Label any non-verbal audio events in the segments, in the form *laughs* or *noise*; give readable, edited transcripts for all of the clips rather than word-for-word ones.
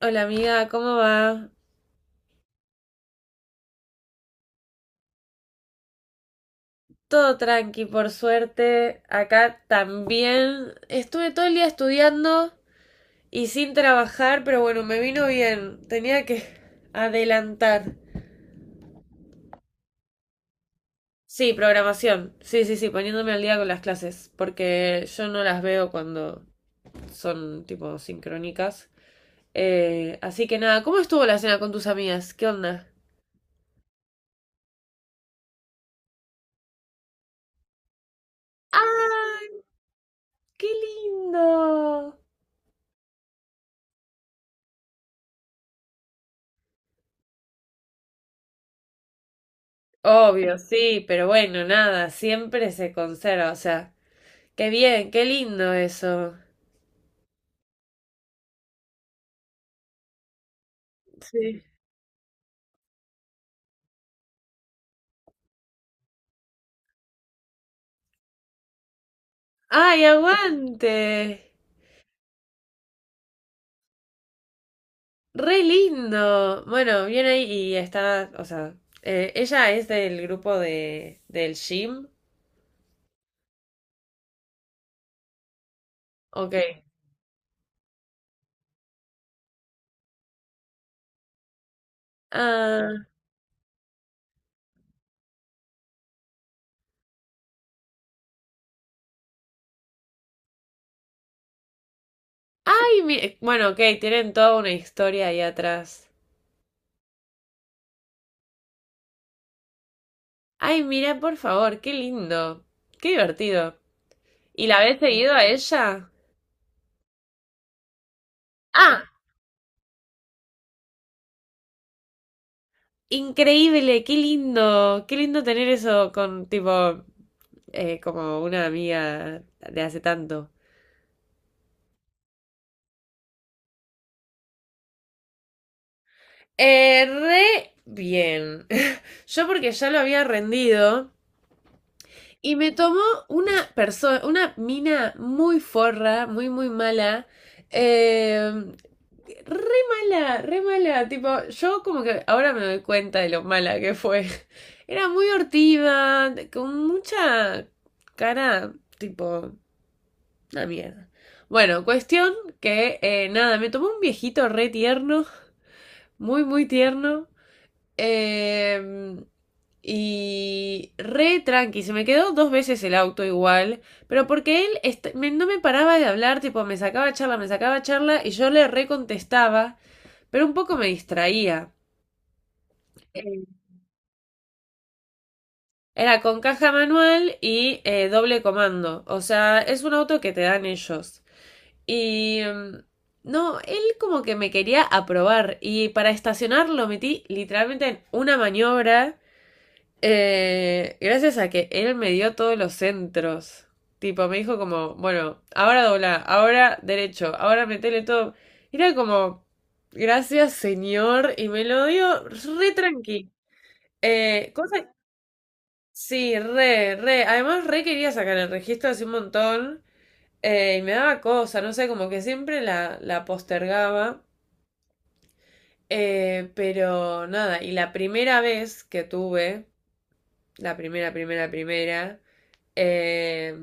Hola amiga, ¿cómo va? Todo tranqui, por suerte. Acá también. Estuve todo el día estudiando y sin trabajar, pero bueno, me vino bien. Tenía que adelantar. Sí, programación. Sí, sí, sí, poniéndome al día con las clases, porque yo no las veo cuando son tipo sincrónicas. Así que nada, ¿cómo estuvo la cena con tus amigas? ¿Qué onda? ¡Ay, qué lindo! Obvio, sí, pero bueno, nada, siempre se conserva, o sea, qué bien, qué lindo eso. Sí. ¡Ay, aguante! ¡Re lindo! Bueno, viene ahí y está, o sea, ella es del grupo del gym, ok. Ah, ay, bueno, ok, tienen toda una historia ahí atrás. Ay, mira, por favor, qué lindo, qué divertido. ¿Y la habéis seguido a ella? Ah. Increíble, qué lindo tener eso con tipo como una amiga de hace tanto. Re bien. *laughs* Yo porque ya lo había rendido y me tomó una persona, una mina muy forra, muy mala. eh, re mala, re mala. Tipo, yo como que ahora me doy cuenta de lo mala que fue. *laughs* Era muy hortiva, con mucha cara, tipo, una mierda. Bueno, cuestión que nada, me tomó un viejito re tierno, muy, muy tierno. eh, y re tranqui, se me quedó dos veces el auto igual, pero porque él no me paraba de hablar, tipo, me sacaba charla y yo le recontestaba, pero un poco me distraía. Eh, Era con caja manual y doble comando, o sea, es un auto que te dan ellos. Y no, él como que me quería aprobar y para estacionar lo metí literalmente en una maniobra, gracias a que él me dio todos los centros. Tipo, me dijo como, bueno, ahora dobla, ahora derecho, ahora metele todo. Era como, gracias señor, y me lo dio re tranqui. Eh, cosa, sí, re, re. Además, re quería sacar el registro hace un montón. Y me daba cosa, no sé, como que siempre la postergaba. Pero nada, y la primera vez que tuve, la eh,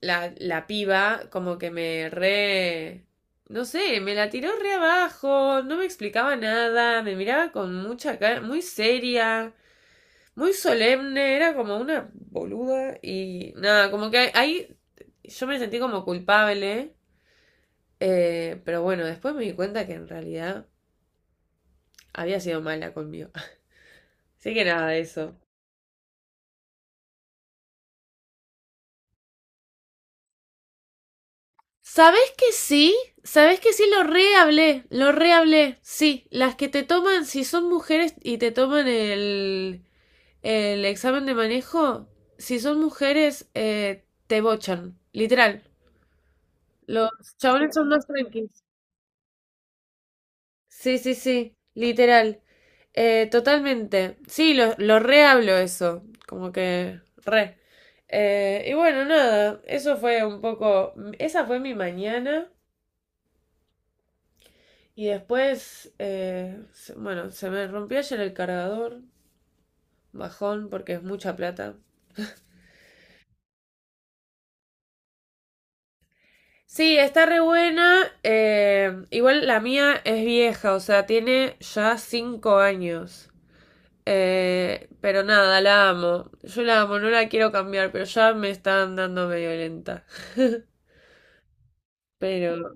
la piba como que me re... No sé, me la tiró re abajo, no me explicaba nada, me miraba con mucha cara, muy seria, muy solemne, era como una boluda y nada, como que ahí yo me sentí como culpable. Pero bueno, después me di cuenta que en realidad había sido mala conmigo. *laughs* Así que nada de eso. ¿Sabés que sí? ¿Sabés que sí? Lo rehablé, lo rehablé. Sí, las que te toman, si son mujeres y te toman el examen de manejo, si son mujeres, te bochan, literal. Los chabones son más tranquilos. Sí, sí, sí, literal. Totalmente. Sí, lo re hablo eso. Como que re. Y bueno, nada, eso fue un poco. Esa fue mi mañana. Y después, bueno, se me rompió ayer el cargador. Bajón, porque es mucha plata. Sí, está re buena. Igual la mía es vieja, o sea, tiene ya 5 años. Pero nada, la amo. Yo la amo, no la quiero cambiar, pero ya me está dando medio lenta. Pero...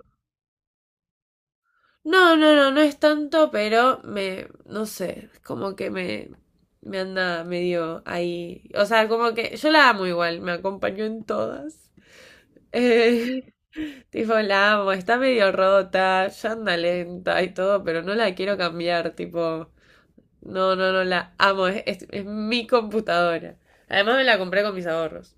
No, no, no, no es tanto, pero me... No sé, es como que me... Me anda medio ahí. O sea, como que yo la amo igual, me acompañó en todas. Eh, *laughs* tipo, la amo, está medio rota, ya anda lenta y todo, pero no la quiero cambiar, tipo... No, no, no, la amo, es mi computadora. Además me la compré con mis ahorros.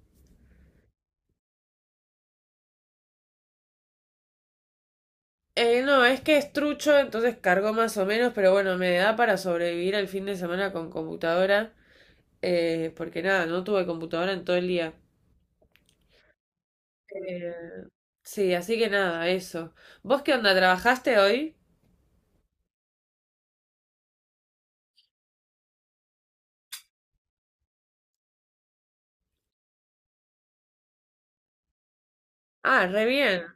No, es que es trucho, entonces cargó más o menos, pero bueno, me da para sobrevivir el fin de semana con computadora, porque nada, no tuve computadora en todo el día. Eh, sí, así que nada, eso. ¿Vos qué onda? ¿Trabajaste hoy? Ah, re bien.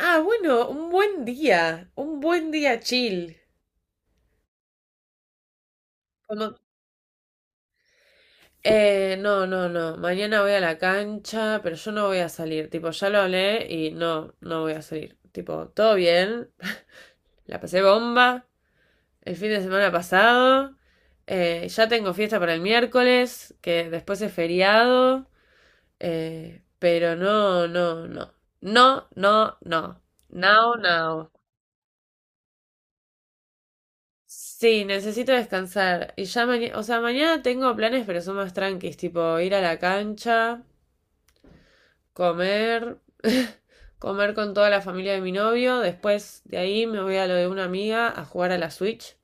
Ah, bueno, un buen día chill. Como- no, no, no, mañana voy a la cancha, pero yo no voy a salir, tipo, ya lo hablé y no, no voy a salir. Tipo, todo bien, *laughs* la pasé bomba el fin de semana pasado. Ya tengo fiesta para el miércoles, que después es feriado. Pero no, no, no. No, no, no. Now, now. Sí, necesito descansar. Y ya mañana, o sea, mañana tengo planes, pero son más tranquis, tipo ir a la cancha, comer, *laughs* comer con toda la familia de mi novio. Después de ahí me voy a lo de una amiga a jugar a la Switch.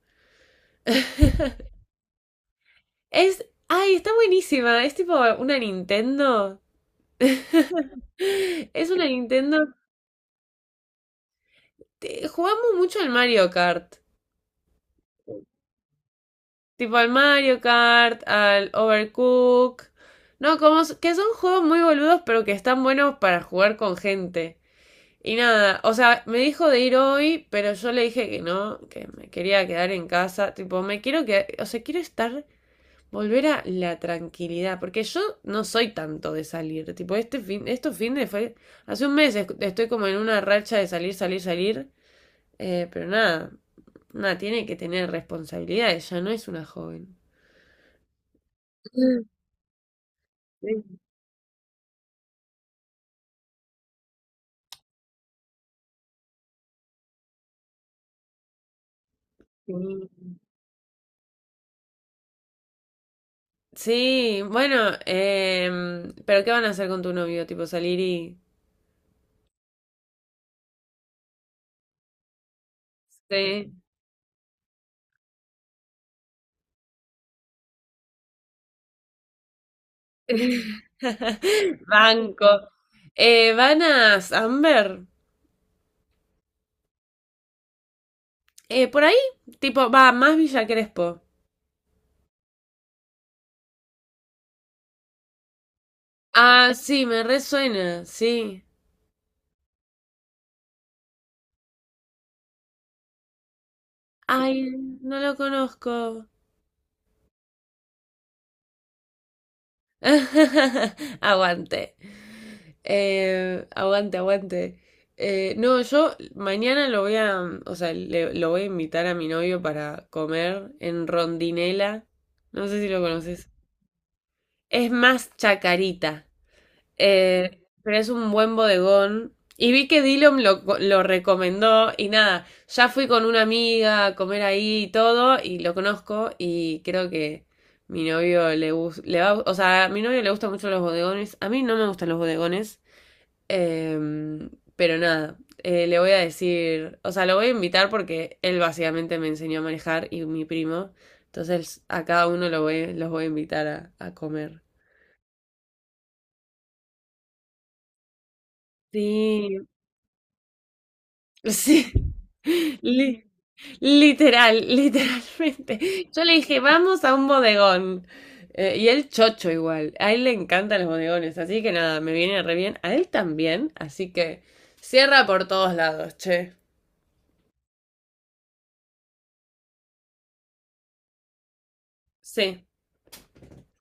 Es, ay, está buenísima. Es tipo una Nintendo. *laughs* Es una Nintendo. Jugamos mucho al Mario Kart. Tipo al Mario Kart, al Overcook. No, como que son juegos muy boludos, pero que están buenos para jugar con gente. Y nada, o sea, me dijo de ir hoy, pero yo le dije que no, que me quería quedar en casa. Tipo, me quiero quedar, o sea, quiero estar, volver a la tranquilidad, porque yo no soy tanto de salir. Tipo, este fin, estos fines fue, hace un mes estoy como en una racha de salir, salir, salir. Pero nada, nada, tiene que tener responsabilidades, ya no es una joven. *laughs* Sí, sí, bueno, pero ¿qué van a hacer con tu novio? Tipo salir y... Sí. *laughs* Banco. Van a Amber. Por ahí, tipo, va, más Villa Crespo. *laughs* Ah, sí, me resuena, sí. Ay, no lo conozco. *laughs* Aguante. Aguante, aguante. No, yo mañana lo voy a, o sea, lo voy a invitar a mi novio para comer en Rondinela. No sé si lo conoces. Es más chacarita. Pero es un buen bodegón. Y vi que Dillom lo recomendó y nada, ya fui con una amiga a comer ahí y todo y lo conozco y creo que mi novio le gusta, le va, o sea, a mi novio le gustan mucho los bodegones, a mí no me gustan los bodegones, em, pero nada, le voy a decir, o sea, lo voy a invitar porque él básicamente me enseñó a manejar y mi primo, entonces a cada uno lo voy, los voy a invitar a comer. Sí, sí, li- literal, *laughs* literalmente. Yo le dije, vamos a un bodegón. Y él chocho igual. A él le encantan los bodegones, así que nada, me viene re bien. A él también, así que cierra por todos lados, che. Sí,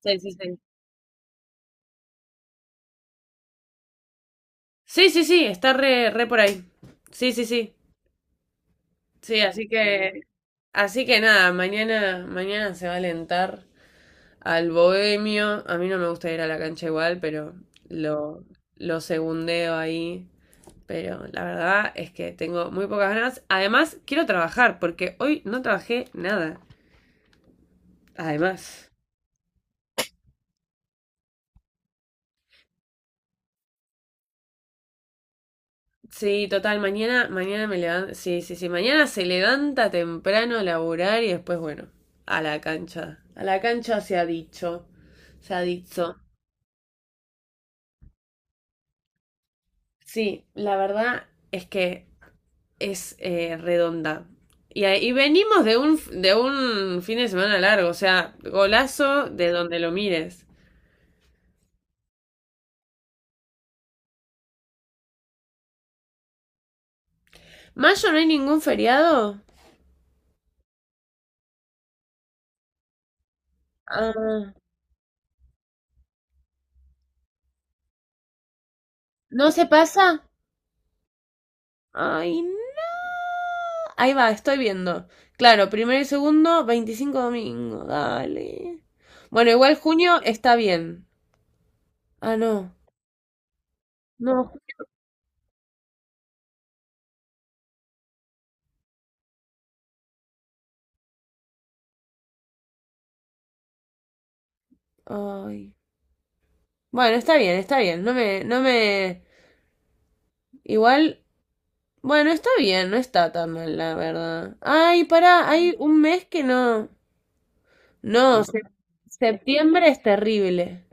sí, sí, sí. Sí, sí, sí, está re, re por ahí. Sí, sí, sí. Sí, así que nada, mañana, mañana se va a alentar. Al Bohemio, a mí no me gusta ir a la cancha igual, pero lo, lo segundeo ahí. Pero la verdad es que tengo muy pocas ganas. Además, quiero trabajar, porque hoy no trabajé nada. Además. Sí, total, mañana, mañana me levanto. Sí, sí, sí. Mañana se levanta temprano a laburar y después, bueno, a la cancha. A la cancha se ha dicho. Se ha dicho. Sí, la verdad es que es redonda. Y venimos de un, fin de semana largo, o sea, golazo de donde lo mires. ¿Mayo no hay ningún feriado? Ah, ¿no se pasa? Ay, no. Ahí va, estoy viendo. Claro, primero y segundo, 25 domingo, dale. Bueno, igual junio está bien. Ah, no. No. Ay. Bueno, está bien, está bien. No me, no me. Igual bueno, está bien, no está tan mal, la verdad. Ay, pará, hay un mes que no. No, septiembre es terrible.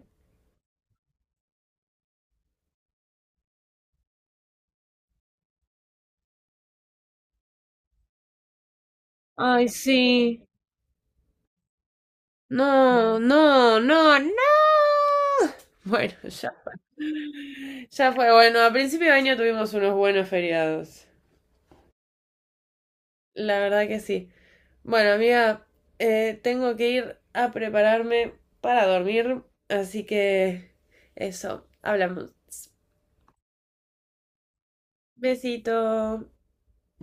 Ay, sí. No, no, no, no. *laughs* Bueno, ya. Ya fue. Bueno, a principio de año tuvimos unos buenos feriados. La verdad que sí. Bueno, amiga, tengo que ir a prepararme para dormir. Así que eso, hablamos. Besito.